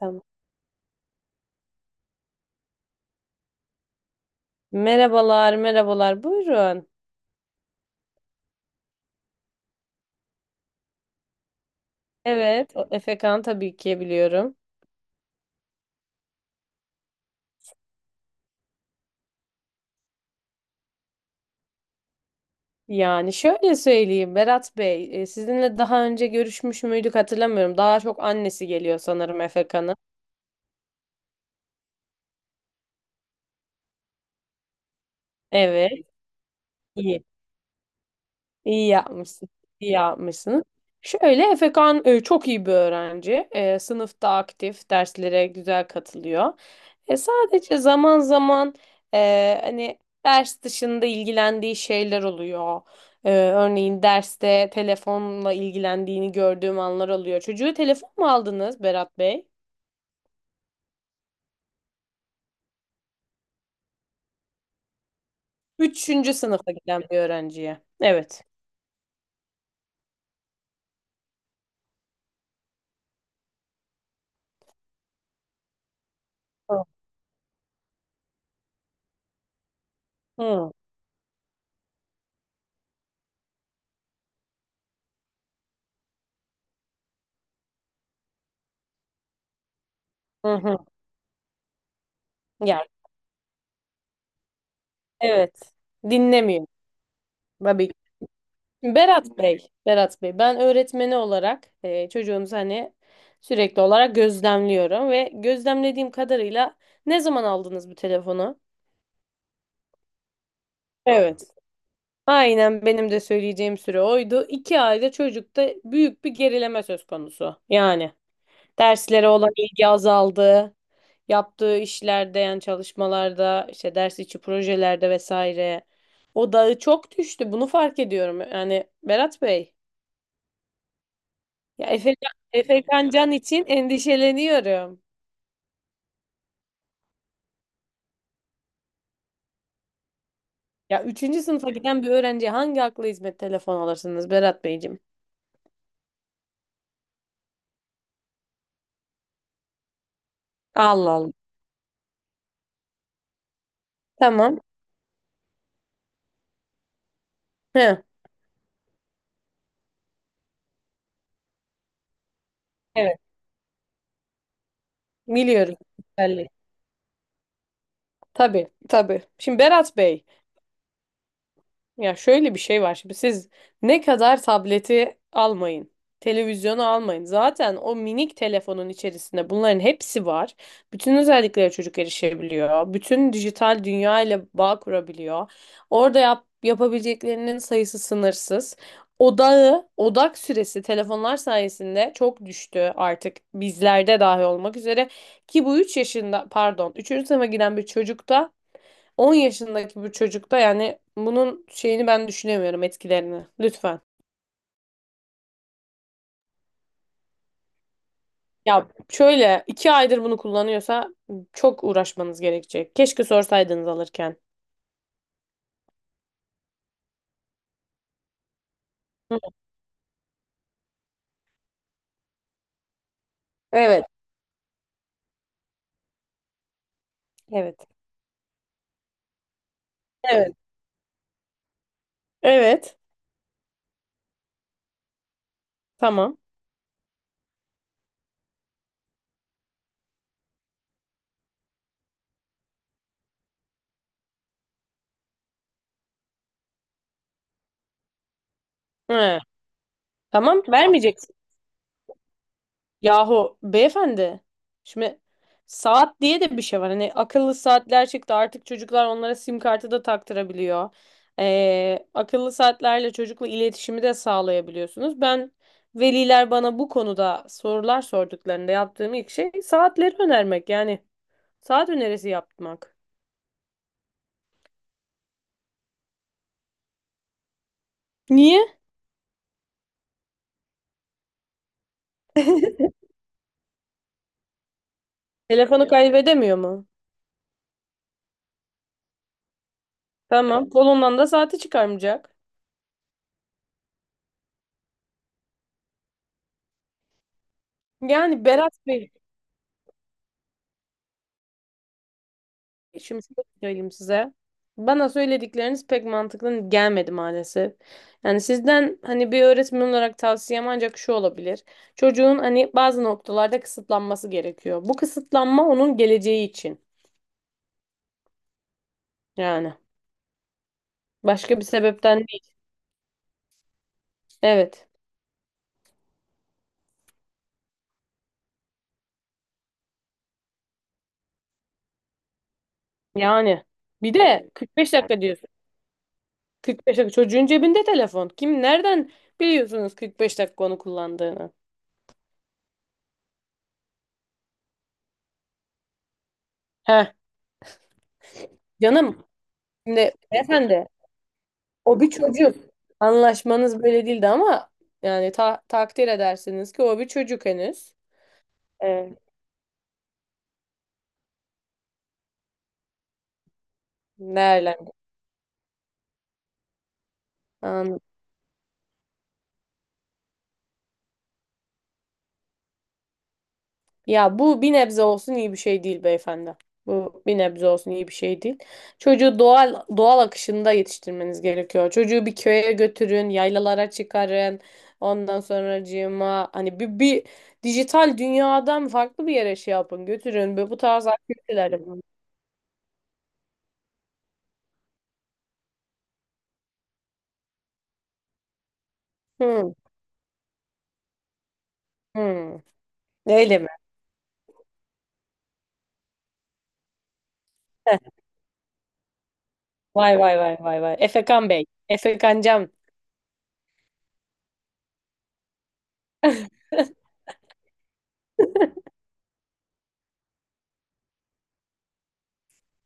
Tamam. Merhabalar, merhabalar. Buyurun. Evet, o Efekan tabii ki biliyorum. Yani şöyle söyleyeyim Berat Bey, sizinle daha önce görüşmüş müydük hatırlamıyorum. Daha çok annesi geliyor sanırım Efekan'ın. Evet. İyi. İyi yapmışsın. İyi yapmışsınız. Şöyle Efekan çok iyi bir öğrenci. E, sınıfta aktif, derslere güzel katılıyor. Sadece zaman zaman hani ders dışında ilgilendiği şeyler oluyor. Örneğin derste telefonla ilgilendiğini gördüğüm anlar oluyor. Çocuğu telefon mu aldınız Berat Bey? Üçüncü sınıfa giden bir öğrenciye. Evet. Hı. Hı hı. Hı. Yani evet. Dinlemiyor. Tabii Berat Bey, Berat Bey, ben öğretmeni olarak çocuğunuzu hani sürekli olarak gözlemliyorum ve gözlemlediğim kadarıyla ne zaman aldınız bu telefonu? Evet. Aynen benim de söyleyeceğim süre oydu. İki ayda çocukta büyük bir gerileme söz konusu. Yani derslere olan ilgi azaldı, yaptığı işlerde yani çalışmalarda, işte ders içi projelerde vesaire. Odağı çok düştü. Bunu fark ediyorum. Yani Berat Bey. Ya Efe Kancan için endişeleniyorum. Ya üçüncü sınıfa giden bir öğrenciye hangi akla hizmet telefon alırsınız Berat Beyciğim? Allah Allah. Tamam. He. Evet. Biliyorum. Belli. Tabii, tabii. Şimdi Berat Bey. Ya şöyle bir şey var, şimdi siz ne kadar tableti almayın, televizyonu almayın. Zaten o minik telefonun içerisinde bunların hepsi var. Bütün özelliklere çocuk erişebiliyor. Bütün dijital dünya ile bağ kurabiliyor. Orada yapabileceklerinin sayısı sınırsız. Odak süresi telefonlar sayesinde çok düştü artık bizlerde dahi olmak üzere. Ki bu 3 yaşında pardon üçüncü sınıfa giden bir çocukta 10 yaşındaki bir çocukta yani bunun şeyini ben düşünemiyorum etkilerini. Lütfen. Ya şöyle 2 aydır bunu kullanıyorsa çok uğraşmanız gerekecek. Keşke sorsaydınız alırken. Hı. Evet. Evet. Evet. Evet. Tamam. He. Tamam. Vermeyecek. Yahu beyefendi. Şimdi saat diye de bir şey var. Hani akıllı saatler çıktı. Artık çocuklar onlara sim kartı da taktırabiliyor. Akıllı saatlerle çocukla iletişimi de sağlayabiliyorsunuz. Ben veliler bana bu konuda sorular sorduklarında yaptığım ilk şey saatleri önermek. Yani saat önerisi yapmak. Niye? Telefonu kaybedemiyor mu? Tamam. Kolundan da saati çıkarmayacak. Yani Berat Bey. Şimdi şöyle söyleyeyim size. Bana söyledikleriniz pek mantıklı gelmedi maalesef. Yani sizden hani bir öğretmen olarak tavsiyem ancak şu olabilir. Çocuğun hani bazı noktalarda kısıtlanması gerekiyor. Bu kısıtlanma onun geleceği için. Yani başka bir sebepten değil. Evet. Yani bir de 45 dakika diyorsun. 45 dakika çocuğun cebinde telefon. Kim nereden biliyorsunuz 45 dakika onu kullandığını? Heh canım. Şimdi efendi. O bir çocuk. Anlaşmanız böyle değildi ama yani takdir edersiniz ki o bir çocuk henüz. Ee, değerlen. Anladım. Ya bu bir nebze olsun iyi bir şey değil beyefendi. Bu bir nebze olsun iyi bir şey değil. Çocuğu doğal doğal akışında yetiştirmeniz gerekiyor. Çocuğu bir köye götürün, yaylalara çıkarın. Ondan sonracığıma hani bir, bir dijital dünyadan farklı bir yere şey yapın, götürün. Böyle bu tarz aktiviteler yapın. Hı, hı. Öyle mi? Vay vay vay vay vay. Efekan Bey. Efekan Can.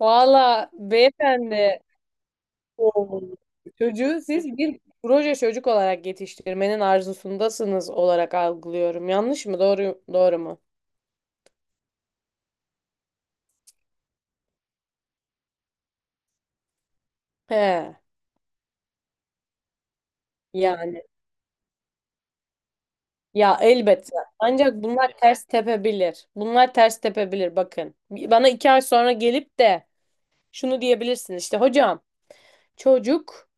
Valla beyefendi. Oo. Çocuğu siz bir proje çocuk olarak yetiştirmenin arzusundasınız olarak algılıyorum. Yanlış mı? Doğru, doğru mu? He. Yani. Ya elbette. Ancak bunlar ters tepebilir. Bunlar ters tepebilir bakın. Bana iki ay sonra gelip de şunu diyebilirsin işte hocam, çocuk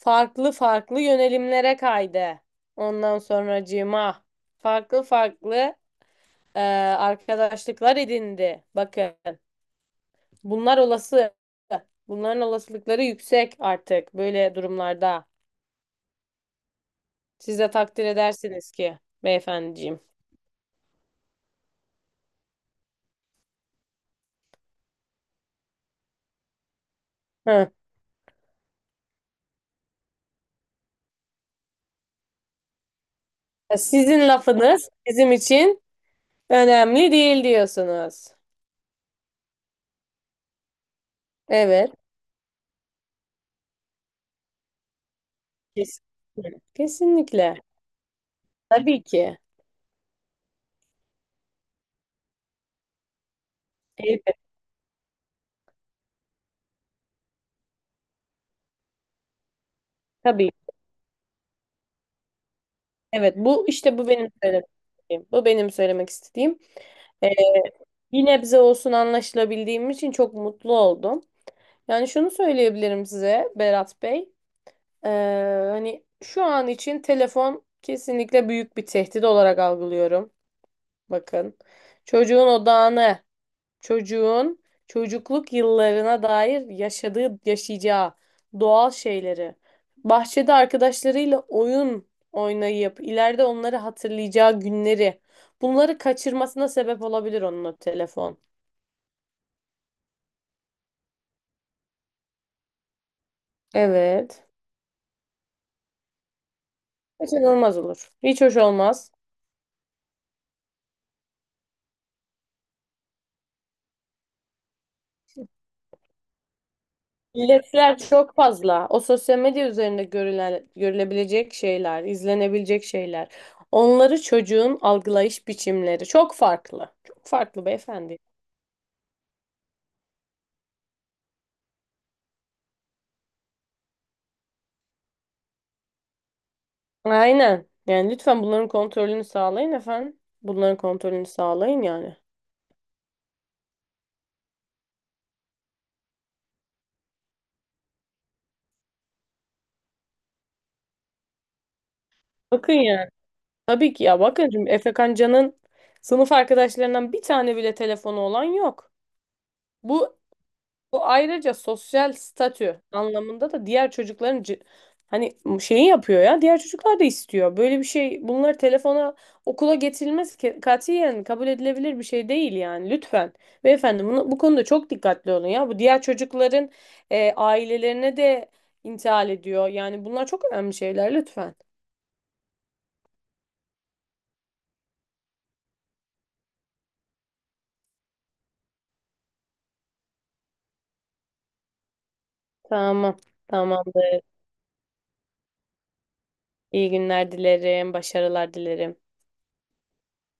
farklı farklı yönelimlere kaydı. Ondan sonracığıma farklı farklı e, arkadaşlıklar edindi. Bakın bunlar olası. Bunların olasılıkları yüksek artık böyle durumlarda. Siz de takdir edersiniz ki beyefendiciğim. Hı. Sizin lafınız bizim için önemli değil diyorsunuz. Evet. Kesinlikle. Kesinlikle. Tabii ki. Elbette. Tabii. Evet, bu işte bu benim söylemek istediğim. Bu benim söylemek istediğim. Ee, bir nebze olsun anlaşılabildiğim için çok mutlu oldum. Yani şunu söyleyebilirim size Berat Bey. Ee, hani şu an için telefon kesinlikle büyük bir tehdit olarak algılıyorum. Bakın çocuğun odağını çocuğun çocukluk yıllarına dair yaşadığı, yaşayacağı doğal şeyleri, bahçede arkadaşlarıyla oyun oynayıp ileride onları hatırlayacağı günleri, bunları kaçırmasına sebep olabilir onun o telefon. Evet. Kaçınılmaz olur. Hiç hoş olmaz. İletişimler çok fazla. O sosyal medya üzerinde görülen, görülebilecek şeyler, izlenebilecek şeyler. Onları çocuğun algılayış biçimleri çok farklı. Çok farklı beyefendi. Aynen. Yani lütfen bunların kontrolünü sağlayın efendim. Bunların kontrolünü sağlayın yani. Bakın yani. Tabii ki ya bakın şimdi Efe Kancan'ın sınıf arkadaşlarından bir tane bile telefonu olan yok. Bu Bu ayrıca sosyal statü anlamında da diğer çocukların hani şeyi yapıyor ya. Diğer çocuklar da istiyor. Böyle bir şey bunlar telefona okula getirilmez ki katiyen kabul edilebilir bir şey değil yani. Lütfen. Beyefendi bunu, bu konuda çok dikkatli olun ya. Bu diğer çocukların ailelerine de intihal ediyor. Yani bunlar çok önemli şeyler lütfen. Tamam. Tamamdır. İyi günler dilerim. Başarılar dilerim.